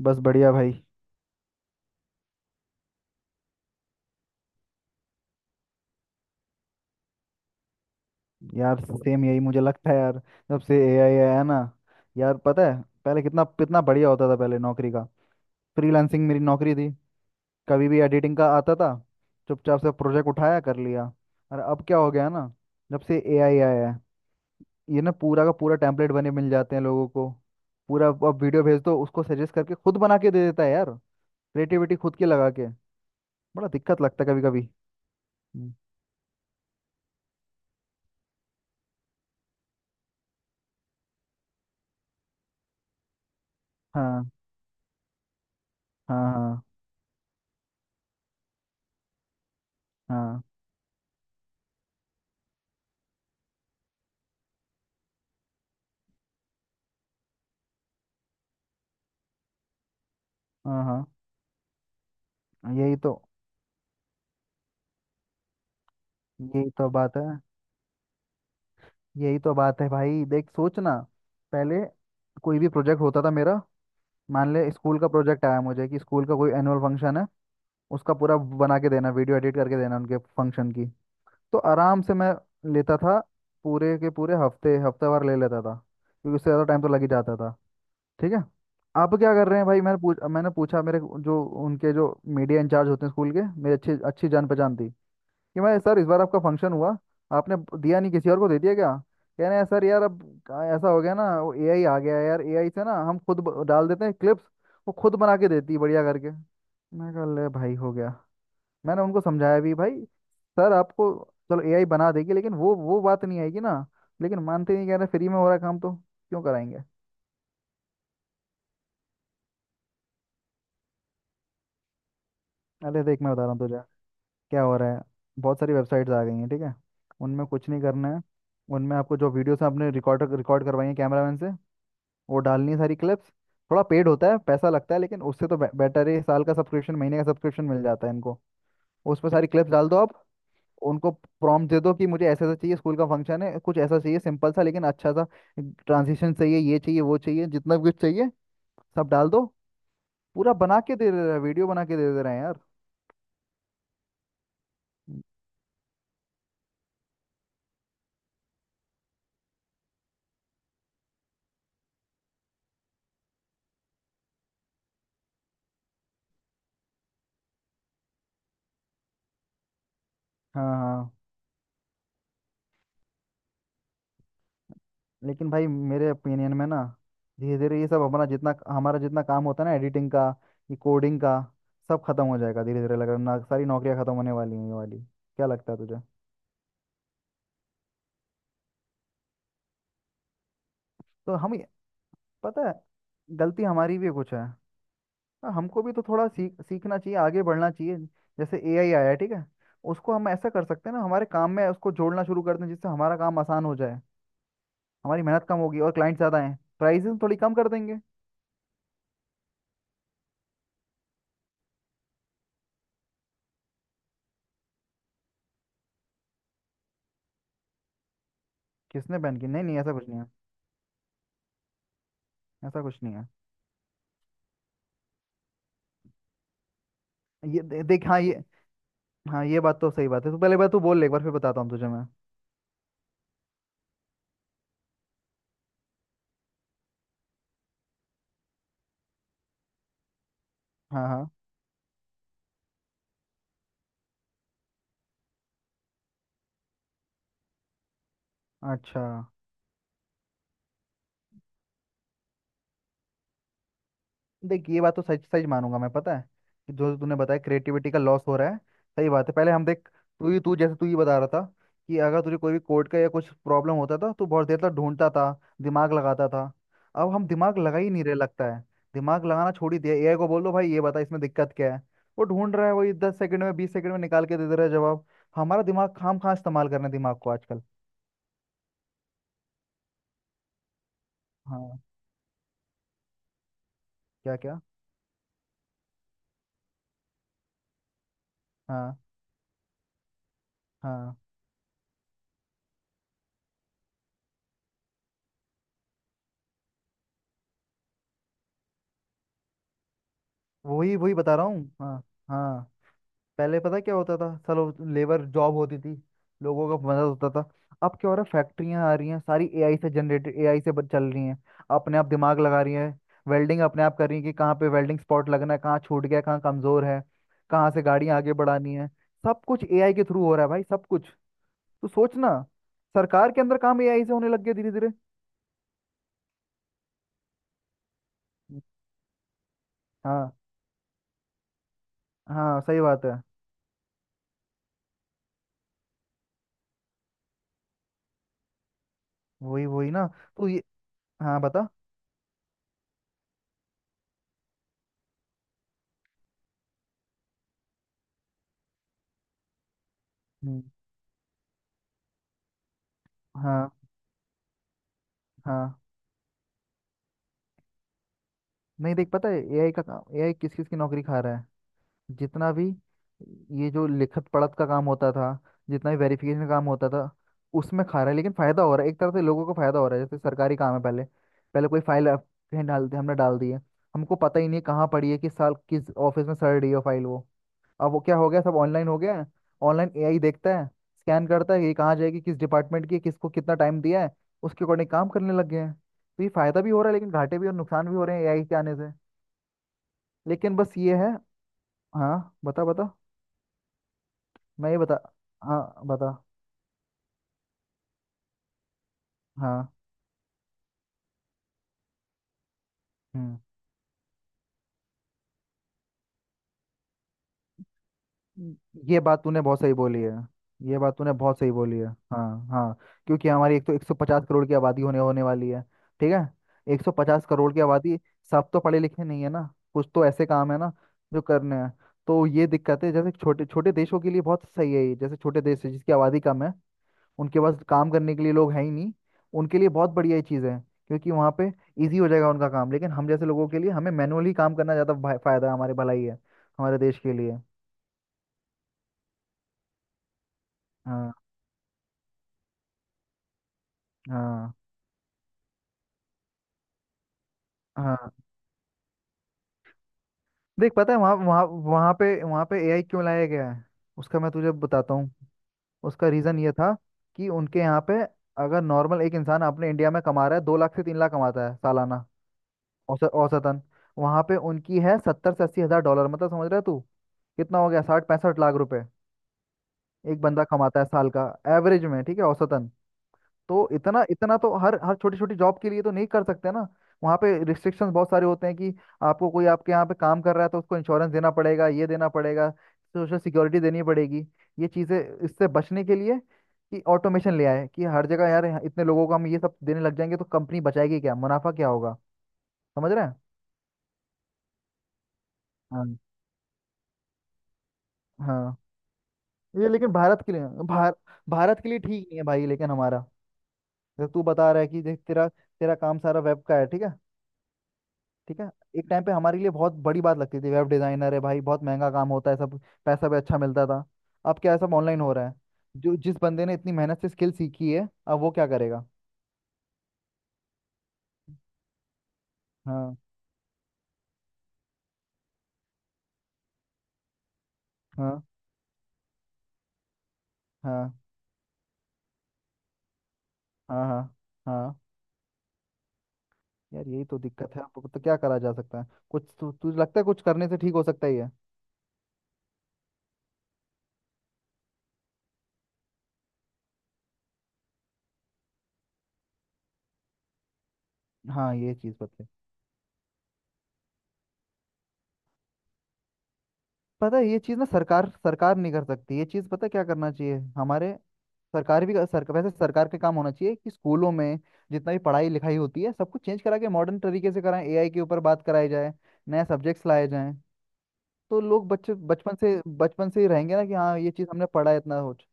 बस बढ़िया भाई। यार सेम यही मुझे लगता है यार। जब से एआई आया ना, यार पता है पहले कितना कितना बढ़िया होता था पहले नौकरी का। फ्रीलांसिंग मेरी नौकरी थी। कभी भी एडिटिंग का आता था, चुपचाप से प्रोजेक्ट उठाया कर लिया। और अब क्या हो गया ना, जब से एआई आया है ये ना पूरा का पूरा टेम्पलेट बने मिल जाते हैं लोगों को। पूरा अब वीडियो भेज दो उसको, सजेस्ट करके खुद बना के दे देता है यार, क्रिएटिविटी खुद की लगा के। बड़ा दिक्कत लगता है कभी कभी। हाँ। हाँ। हाँ। हाँ। हाँ। हाँ। यही तो बात है। यही तो बात है भाई, देख सोच ना। पहले कोई भी प्रोजेक्ट होता था मेरा। मान ले स्कूल का प्रोजेक्ट आया मुझे कि स्कूल का कोई एनुअल फंक्शन है, उसका पूरा बना के देना, वीडियो एडिट करके देना उनके फंक्शन की। तो आराम से मैं लेता था, पूरे के पूरे हफ्ते हफ्ते भर ले लेता था, क्योंकि उससे ज़्यादा टाइम तो लग ही जाता था। ठीक है। आप क्या कर रहे हैं भाई, मैंने पूछा मेरे जो उनके जो मीडिया इंचार्ज होते हैं स्कूल के, मेरे अच्छी अच्छी जान पहचान थी। कि मैं, सर इस बार आपका फंक्शन हुआ, आपने दिया नहीं, किसी और को दे दिया क्या। कह रहे हैं सर यार अब ऐसा हो गया ना, वो एआई आ गया है यार, एआई से ना हम खुद डाल देते हैं क्लिप्स, वो खुद बना के देती है बढ़िया करके। मैं कहा ले भाई हो गया। मैंने उनको समझाया भी भाई, सर आपको, चलो एआई बना देगी लेकिन वो बात नहीं आएगी ना। लेकिन मानते नहीं, कह रहे फ्री में हो रहा है काम तो क्यों कराएंगे। अरे देख मैं बता रहा हूँ तुझे, क्या हो रहा है। बहुत सारी वेबसाइट्स आ गई हैं ठीक है। उनमें कुछ नहीं करना है। उनमें आपको जो वीडियोस आपने रिकॉर्ड रिकॉर्ड करवाई है कैमरामैन से, वो डालनी है सारी क्लिप्स। थोड़ा पेड होता है, पैसा लगता है, लेकिन उससे तो बेटर है। साल का सब्सक्रिप्शन, महीने का सब्सक्रिप्शन मिल जाता है इनको। उस पर सारी क्लिप्स डाल दो आप, उनको प्रॉम्प्ट दे दो कि मुझे ऐसा ऐसा चाहिए, स्कूल का फंक्शन है, कुछ ऐसा चाहिए सिंपल सा लेकिन अच्छा सा, ट्रांजिशन चाहिए, ये चाहिए, वो चाहिए, जितना भी कुछ चाहिए सब डाल दो। पूरा बना के दे दे रहा है, वीडियो बना के दे दे रहे हैं यार। हाँ। हाँ। लेकिन भाई मेरे ओपिनियन में ना, धीरे धीरे ये सब अपना, जितना हमारा जितना काम होता है ना एडिटिंग का, ये कोडिंग का, सब खत्म हो जाएगा धीरे धीरे। लग रहा है ना सारी नौकरियां खत्म होने वाली हैं ये वाली, क्या लगता है तुझे। तो हम ये-। पता है, गलती हमारी भी कुछ है। हाँ, हमको भी तो थोड़ा सीखना चाहिए, आगे बढ़ना चाहिए। जैसे एआई आया है ठीक है, उसको हम ऐसा कर सकते हैं ना, हमारे काम में उसको जोड़ना शुरू कर दें जिससे हमारा काम आसान हो जाए, हमारी मेहनत कम होगी और क्लाइंट ज्यादा हैं, प्राइसेस थोड़ी कम कर देंगे। किसने बैन की, नहीं नहीं, ऐसा कुछ नहीं है। ऐसा कुछ नहीं है। देख हाँ ये, हाँ ये बात तो सही बात है। तो पहले बात तू बोल ले एक बार, फिर बताता हूँ तुझे मैं। हाँ। हाँ। अच्छा। देख ये बात तो सच सच मानूंगा मैं, पता है, कि जो तूने बताया क्रिएटिविटी का लॉस हो रहा है, सही बात है। पहले हम देख, तू ही बता रहा था कि अगर तुझे कोई भी कोड का या कुछ प्रॉब्लम होता था तो बहुत देर तक ढूंढता था, दिमाग लगाता था। अब हम दिमाग लगा ही नहीं रहे लगता है, दिमाग लगाना छोड़ ही दिया। एआई को बोल दो भाई ये बता इसमें दिक्कत क्या है, वो ढूंढ रहा है, वही 10 सेकंड में, 20 सेकंड में निकाल के दे दे रहा है जवाब। हमारा दिमाग, खाम खा इस्तेमाल कर रहे हैं दिमाग को आजकल। हाँ। क्या क्या। हाँ। हाँ वही वही बता रहा हूँ हाँ। हाँ। पहले पता क्या होता था, चलो, लेबर जॉब होती थी, लोगों का मदद होता था। अब क्या हो रहा है, फैक्ट्रियाँ आ रही हैं सारी एआई से, जनरेटेड एआई से चल रही हैं, अपने आप दिमाग लगा रही है, वेल्डिंग अपने आप कर रही है, कि कहाँ पे वेल्डिंग स्पॉट लगना है, कहाँ छूट गया, कहाँ कमजोर है, कहाँ से गाड़ियाँ आगे बढ़ानी है। सब कुछ एआई के थ्रू हो रहा है भाई, सब कुछ। तो सोच ना, सरकार के अंदर काम एआई से होने लग गया धीरे धीरे। हाँ। हाँ सही बात है। वही वही ना। तो ये। हाँ बता। हम्म, हाँ। हाँ। नहीं देख पता है एआई का काम, एआई किस किस की नौकरी खा रहा है, जितना भी ये जो लिखत पढ़त का काम होता था, जितना भी वेरिफिकेशन का काम होता था, उसमें खा रहा है। लेकिन फायदा हो रहा है एक तरह से, लोगों को फायदा हो रहा है, जैसे सरकारी काम है। पहले पहले कोई फाइल कहीं डालते, हमने डाल दी है, हमको पता ही नहीं कहाँ पड़ी है, किस साल किस ऑफिस में सड़ रही है फाइल वो। अब वो क्या हो गया, सब ऑनलाइन हो गया है। ऑनलाइन एआई देखता है, स्कैन करता है, ये कहाँ जाएगी, किस डिपार्टमेंट की है, किसको कितना टाइम दिया है, उसके अकॉर्डिंग काम करने लग गए हैं। तो ये फायदा भी हो रहा है लेकिन घाटे भी और नुकसान भी हो रहे हैं एआई के आने से। लेकिन बस ये है। हाँ बता बता। मैं ये बता, हाँ बता। हाँ। हम्म। ये बात तूने बहुत सही बोली है। ये बात तूने बहुत सही बोली है। हाँ। हाँ। क्योंकि हमारी एक तो 150 करोड़ की आबादी होने होने वाली है ठीक है, 150 करोड़ की आबादी। सब तो पढ़े लिखे नहीं है ना, कुछ तो ऐसे काम है ना जो करने हैं। तो ये दिक्कत है। जैसे छोटे छोटे देशों के लिए बहुत सही है ये, जैसे छोटे देश है जिसकी आबादी कम है, उनके पास काम करने के लिए लोग हैं ही नहीं, उनके लिए बहुत बढ़िया ये चीज़ है क्योंकि वहाँ पे इजी हो जाएगा उनका काम। लेकिन हम जैसे लोगों के लिए हमें मैनुअली काम करना ज़्यादा फायदा है, हमारे भलाई है, हमारे देश के लिए। हाँ। हाँ। हाँ। देख पता है, वहाँ वहाँ वहाँ पे एआई क्यों लाया गया है, उसका मैं तुझे बताता हूँ। उसका रीज़न ये था कि उनके यहाँ पे, अगर नॉर्मल एक इंसान अपने इंडिया में कमा रहा है, 2 लाख से 3 लाख कमाता है सालाना, औसतन, वहाँ पे उनकी है 70 से 80 हज़ार डॉलर। मतलब समझ रहा है तू, कितना हो गया, 60 65 लाख रुपए एक बंदा कमाता है साल का, एवरेज में, ठीक है, औसतन। तो इतना इतना तो हर हर छोटी छोटी जॉब के लिए तो नहीं कर सकते ना। वहाँ पे रिस्ट्रिक्शंस बहुत सारे होते हैं कि आपको, कोई आपके यहाँ पे काम कर रहा है तो उसको इंश्योरेंस देना पड़ेगा, ये देना पड़ेगा, सोशल सिक्योरिटी देनी पड़ेगी, ये चीज़ें। इससे बचने के लिए कि ऑटोमेशन ले आए कि हर जगह यार, यहाँ इतने लोगों को हम ये सब देने लग जाएंगे तो कंपनी बचाएगी क्या, मुनाफा क्या होगा, समझ रहे हैं। हाँ। हाँ। ये लेकिन भारत के लिए, भार, भारत के लिए ठीक नहीं है भाई। लेकिन हमारा, जैसे तू बता रहा है कि देख, तेरा तेरा काम सारा वेब का है ठीक है, ठीक है। एक टाइम पे हमारे लिए बहुत बड़ी बात लगती थी वेब डिजाइनर है भाई, बहुत महंगा काम होता है सब, पैसा भी अच्छा मिलता था। अब क्या है, सब ऑनलाइन हो रहा है। जो जिस बंदे ने इतनी मेहनत से स्किल सीखी है, अब वो क्या करेगा। हाँ। हाँ। हाँ। हाँ। हाँ। हाँ। यार यही तो दिक्कत है, अब तो क्या करा जा सकता है। कुछ तुझे लगता है कुछ करने से ठीक हो सकता ही है। हाँ ये चीज़ बता। पता है, ये चीज़ ना, सरकार सरकार नहीं कर सकती ये चीज़, पता है क्या करना चाहिए हमारे, सरकार भी सरकार वैसे सरकार का काम होना चाहिए कि स्कूलों में जितना भी पढ़ाई लिखाई होती है सब कुछ चेंज करा के मॉडर्न तरीके से कराएं, एआई के ऊपर बात कराई जाए, नए सब्जेक्ट्स लाए जाएं। तो लोग बच्चे बचपन से ही रहेंगे ना कि हाँ ये चीज़ हमने पढ़ा है इतना कुछ।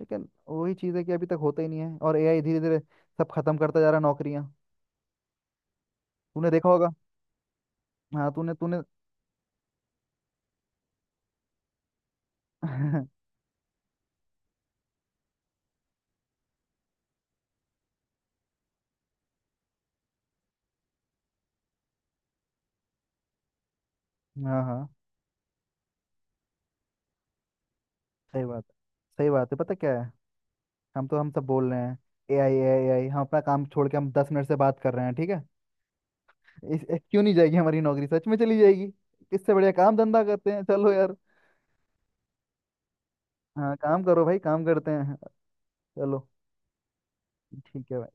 लेकिन वही चीज़ है कि अभी तक होता ही नहीं है और एआई धीरे धीरे सब खत्म करता जा रहा है नौकरियां। तूने देखा होगा। हाँ तूने तूने। हाँ। हाँ सही बात है, सही बात है, पता क्या है, हम सब बोल रहे हैं ए आई ए आई। हम अपना काम छोड़ के हम 10 मिनट से बात कर रहे हैं ठीक है। इस क्यों नहीं जाएगी हमारी नौकरी, सच में चली जाएगी। इससे बढ़िया काम धंधा करते हैं चलो यार। हाँ काम करो भाई काम करते हैं। चलो ठीक है भाई।